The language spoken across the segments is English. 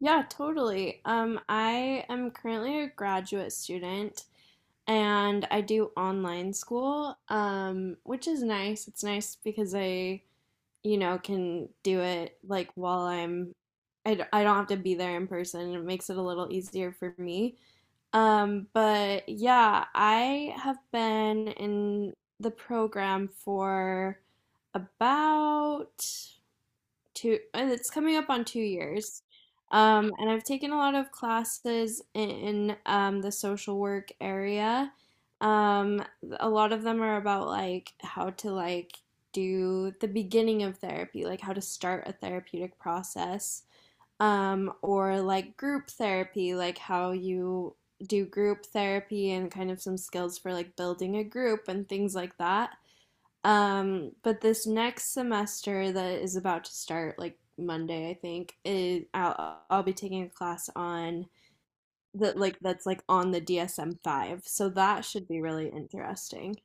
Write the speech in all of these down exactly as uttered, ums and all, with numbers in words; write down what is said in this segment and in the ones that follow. Yeah, totally. Um, I am currently a graduate student and I do online school, um, which is nice. It's nice because I, you know, can do it like while I'm, I, d- I don't have to be there in person. It makes it a little easier for me. Um, but yeah, I have been in the program for about two, and it's coming up on two years um, and I've taken a lot of classes in um, the social work area um, a lot of them are about like how to, like, do the beginning of therapy, like how to start a therapeutic process um, or like group therapy, like how you do group therapy and kind of some skills for like building a group and things like that um, But this next semester that is about to start, like Monday, I think, is I'll, I'll be taking a class on that, like that's like on the D S M five. So that should be really interesting.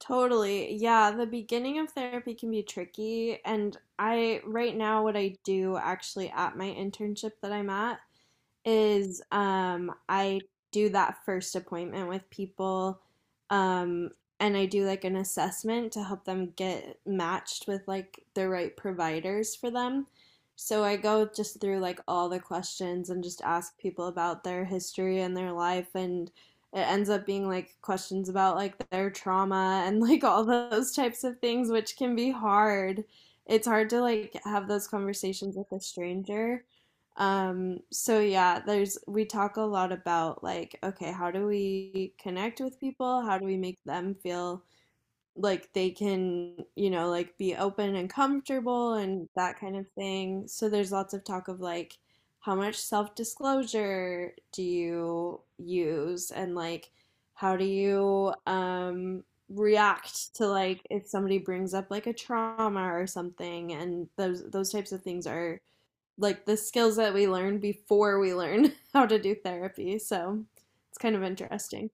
Totally. Yeah, the beginning of therapy can be tricky, and I right now what I do actually at my internship that I'm at is um I do that first appointment with people um and I do like an assessment to help them get matched with like the right providers for them. So I go just through like all the questions and just ask people about their history and their life, and it ends up being like questions about like their trauma and like all those types of things, which can be hard. It's hard to like have those conversations with a stranger um, So yeah, there's we talk a lot about like, okay, how do we connect with people? How do we make them feel like they can, you know, like be open and comfortable and that kind of thing. So there's lots of talk of like how much self-disclosure do you use and like how do you um react to like if somebody brings up like a trauma or something, and those those types of things are like the skills that we learn before we learn how to do therapy. So it's kind of interesting.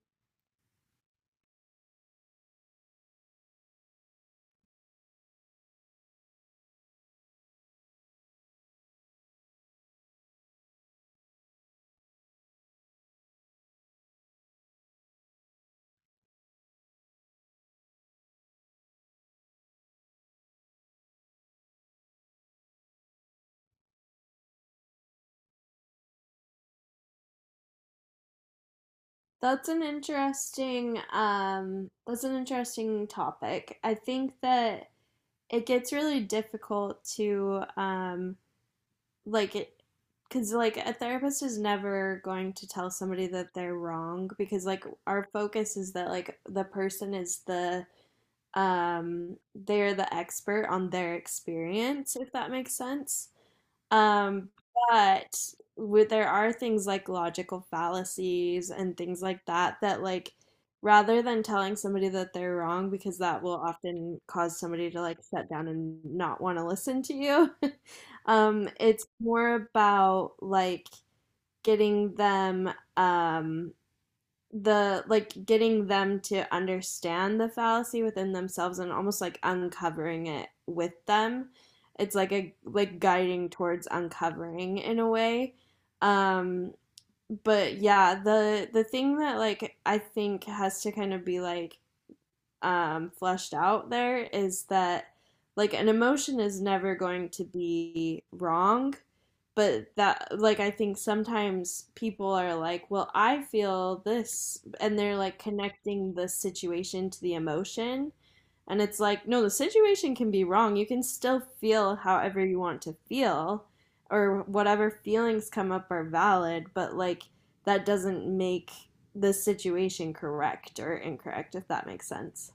That's an interesting um that's an interesting topic. I think that it gets really difficult to um like it, because like a therapist is never going to tell somebody that they're wrong, because like our focus is that like the person is the um they're the expert on their experience, if that makes sense. Um, but with, there are things like logical fallacies and things like that, that like rather than telling somebody that they're wrong, because that will often cause somebody to like shut down and not want to listen to you. Um, it's more about like getting them um the like getting them to understand the fallacy within themselves and almost like uncovering it with them. It's like a like guiding towards uncovering, in a way. Um but yeah, the the thing that like I think has to kind of be like um, fleshed out there is that like an emotion is never going to be wrong, but that like I think sometimes people are like, well, I feel this, and they're like connecting the situation to the emotion, and it's like, no, the situation can be wrong. You can still feel however you want to feel, or whatever feelings come up are valid, but like that doesn't make the situation correct or incorrect, if that makes sense.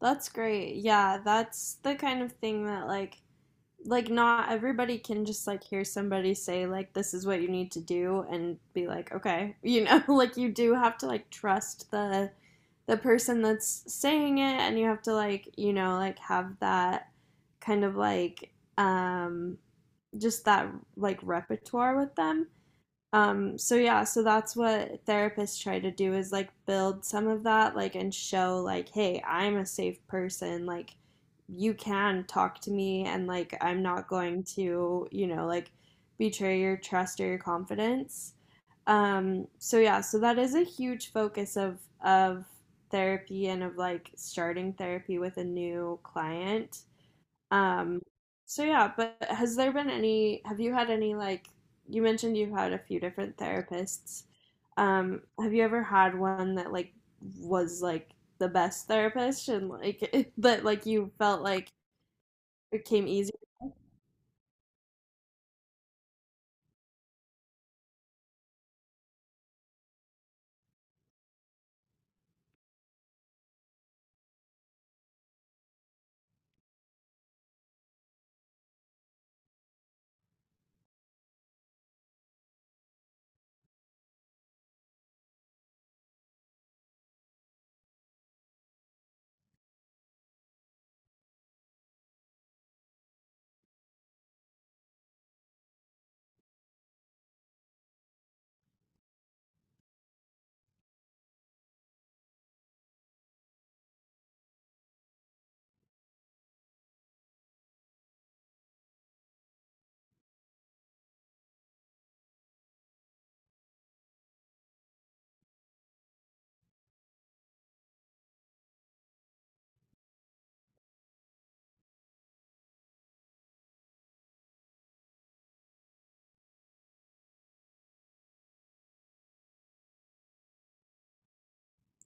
That's great. Yeah, that's the kind of thing that like like not everybody can just like hear somebody say like this is what you need to do and be like, okay, you know, like you do have to like trust the the person that's saying it, and you have to like, you know, like have that kind of like um just that like repertoire with them. Um, so yeah, so that's what therapists try to do, is like build some of that, like, and show, like, hey, I'm a safe person. Like, you can talk to me, and like, I'm not going to, you know, like, betray your trust or your confidence. Um, so yeah, so that is a huge focus of of therapy and of like starting therapy with a new client um, so yeah, but has there been any, have you had any, like, you mentioned you've had a few different therapists. Um, have you ever had one that like was like the best therapist and like that like you felt like it came easy?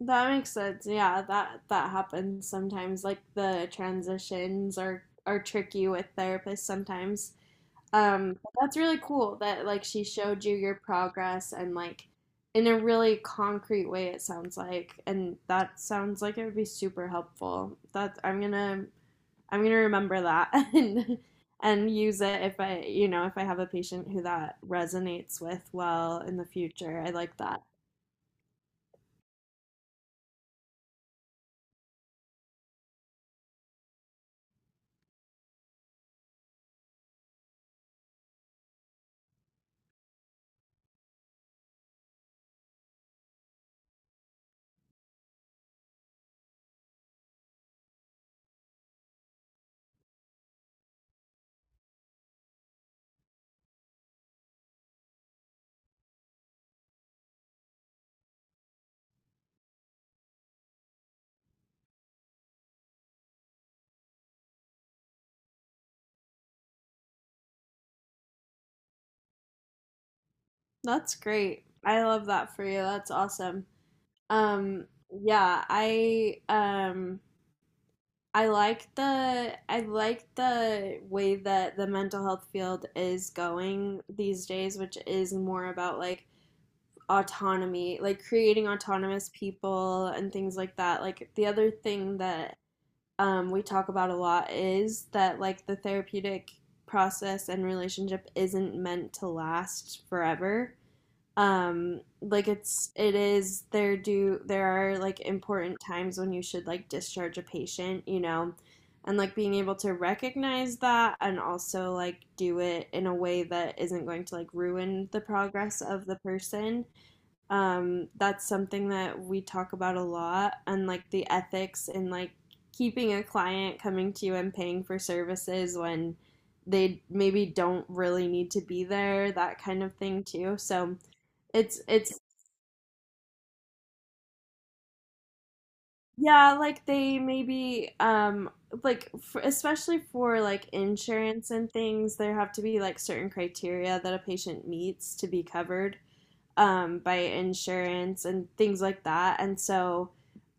That makes sense. Yeah, that that happens sometimes. Like the transitions are are tricky with therapists sometimes. Um, but that's really cool that like she showed you your progress and like in a really concrete way, it sounds like, and that sounds like it would be super helpful. That I'm gonna I'm gonna remember that and and use it if I, you know, if I have a patient who that resonates with well in the future. I like that. That's great. I love that for you. That's awesome. Um, yeah, I um I like the I like the way that the mental health field is going these days, which is more about like autonomy, like creating autonomous people and things like that. Like the other thing that um, we talk about a lot is that like the therapeutic process and relationship isn't meant to last forever um like it's it is there do there are like important times when you should like discharge a patient, you know, and like being able to recognize that and also like do it in a way that isn't going to like ruin the progress of the person um That's something that we talk about a lot, and like the ethics in like keeping a client coming to you and paying for services when they maybe don't really need to be there, that kind of thing too. So it's it's yeah, like they maybe um like for, especially for like insurance and things, there have to be like certain criteria that a patient meets to be covered. um, by insurance and things like that. And so,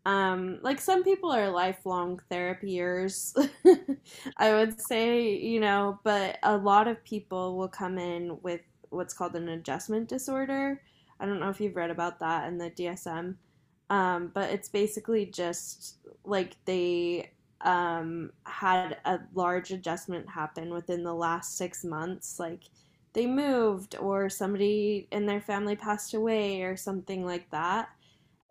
um, like some people are lifelong therapiers, I would say, you know, but a lot of people will come in with what's called an adjustment disorder. I don't know if you've read about that in the D S M, um, but it's basically just like they um, had a large adjustment happen within the last six months, like they moved or somebody in their family passed away or something like that,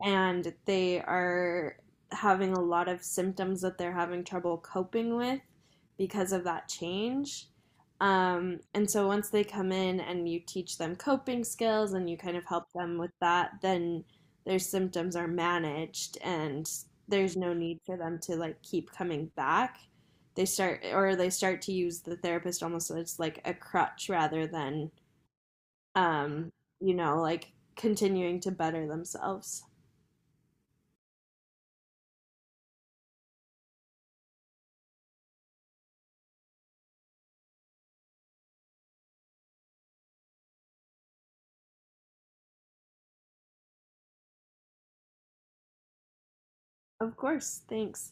and they are having a lot of symptoms that they're having trouble coping with because of that change. Um, and so, once they come in and you teach them coping skills and you kind of help them with that, then their symptoms are managed, and there's no need for them to like keep coming back. They start or they start to use the therapist almost as like a crutch rather than um, you know, like continuing to better themselves. Of course, thanks.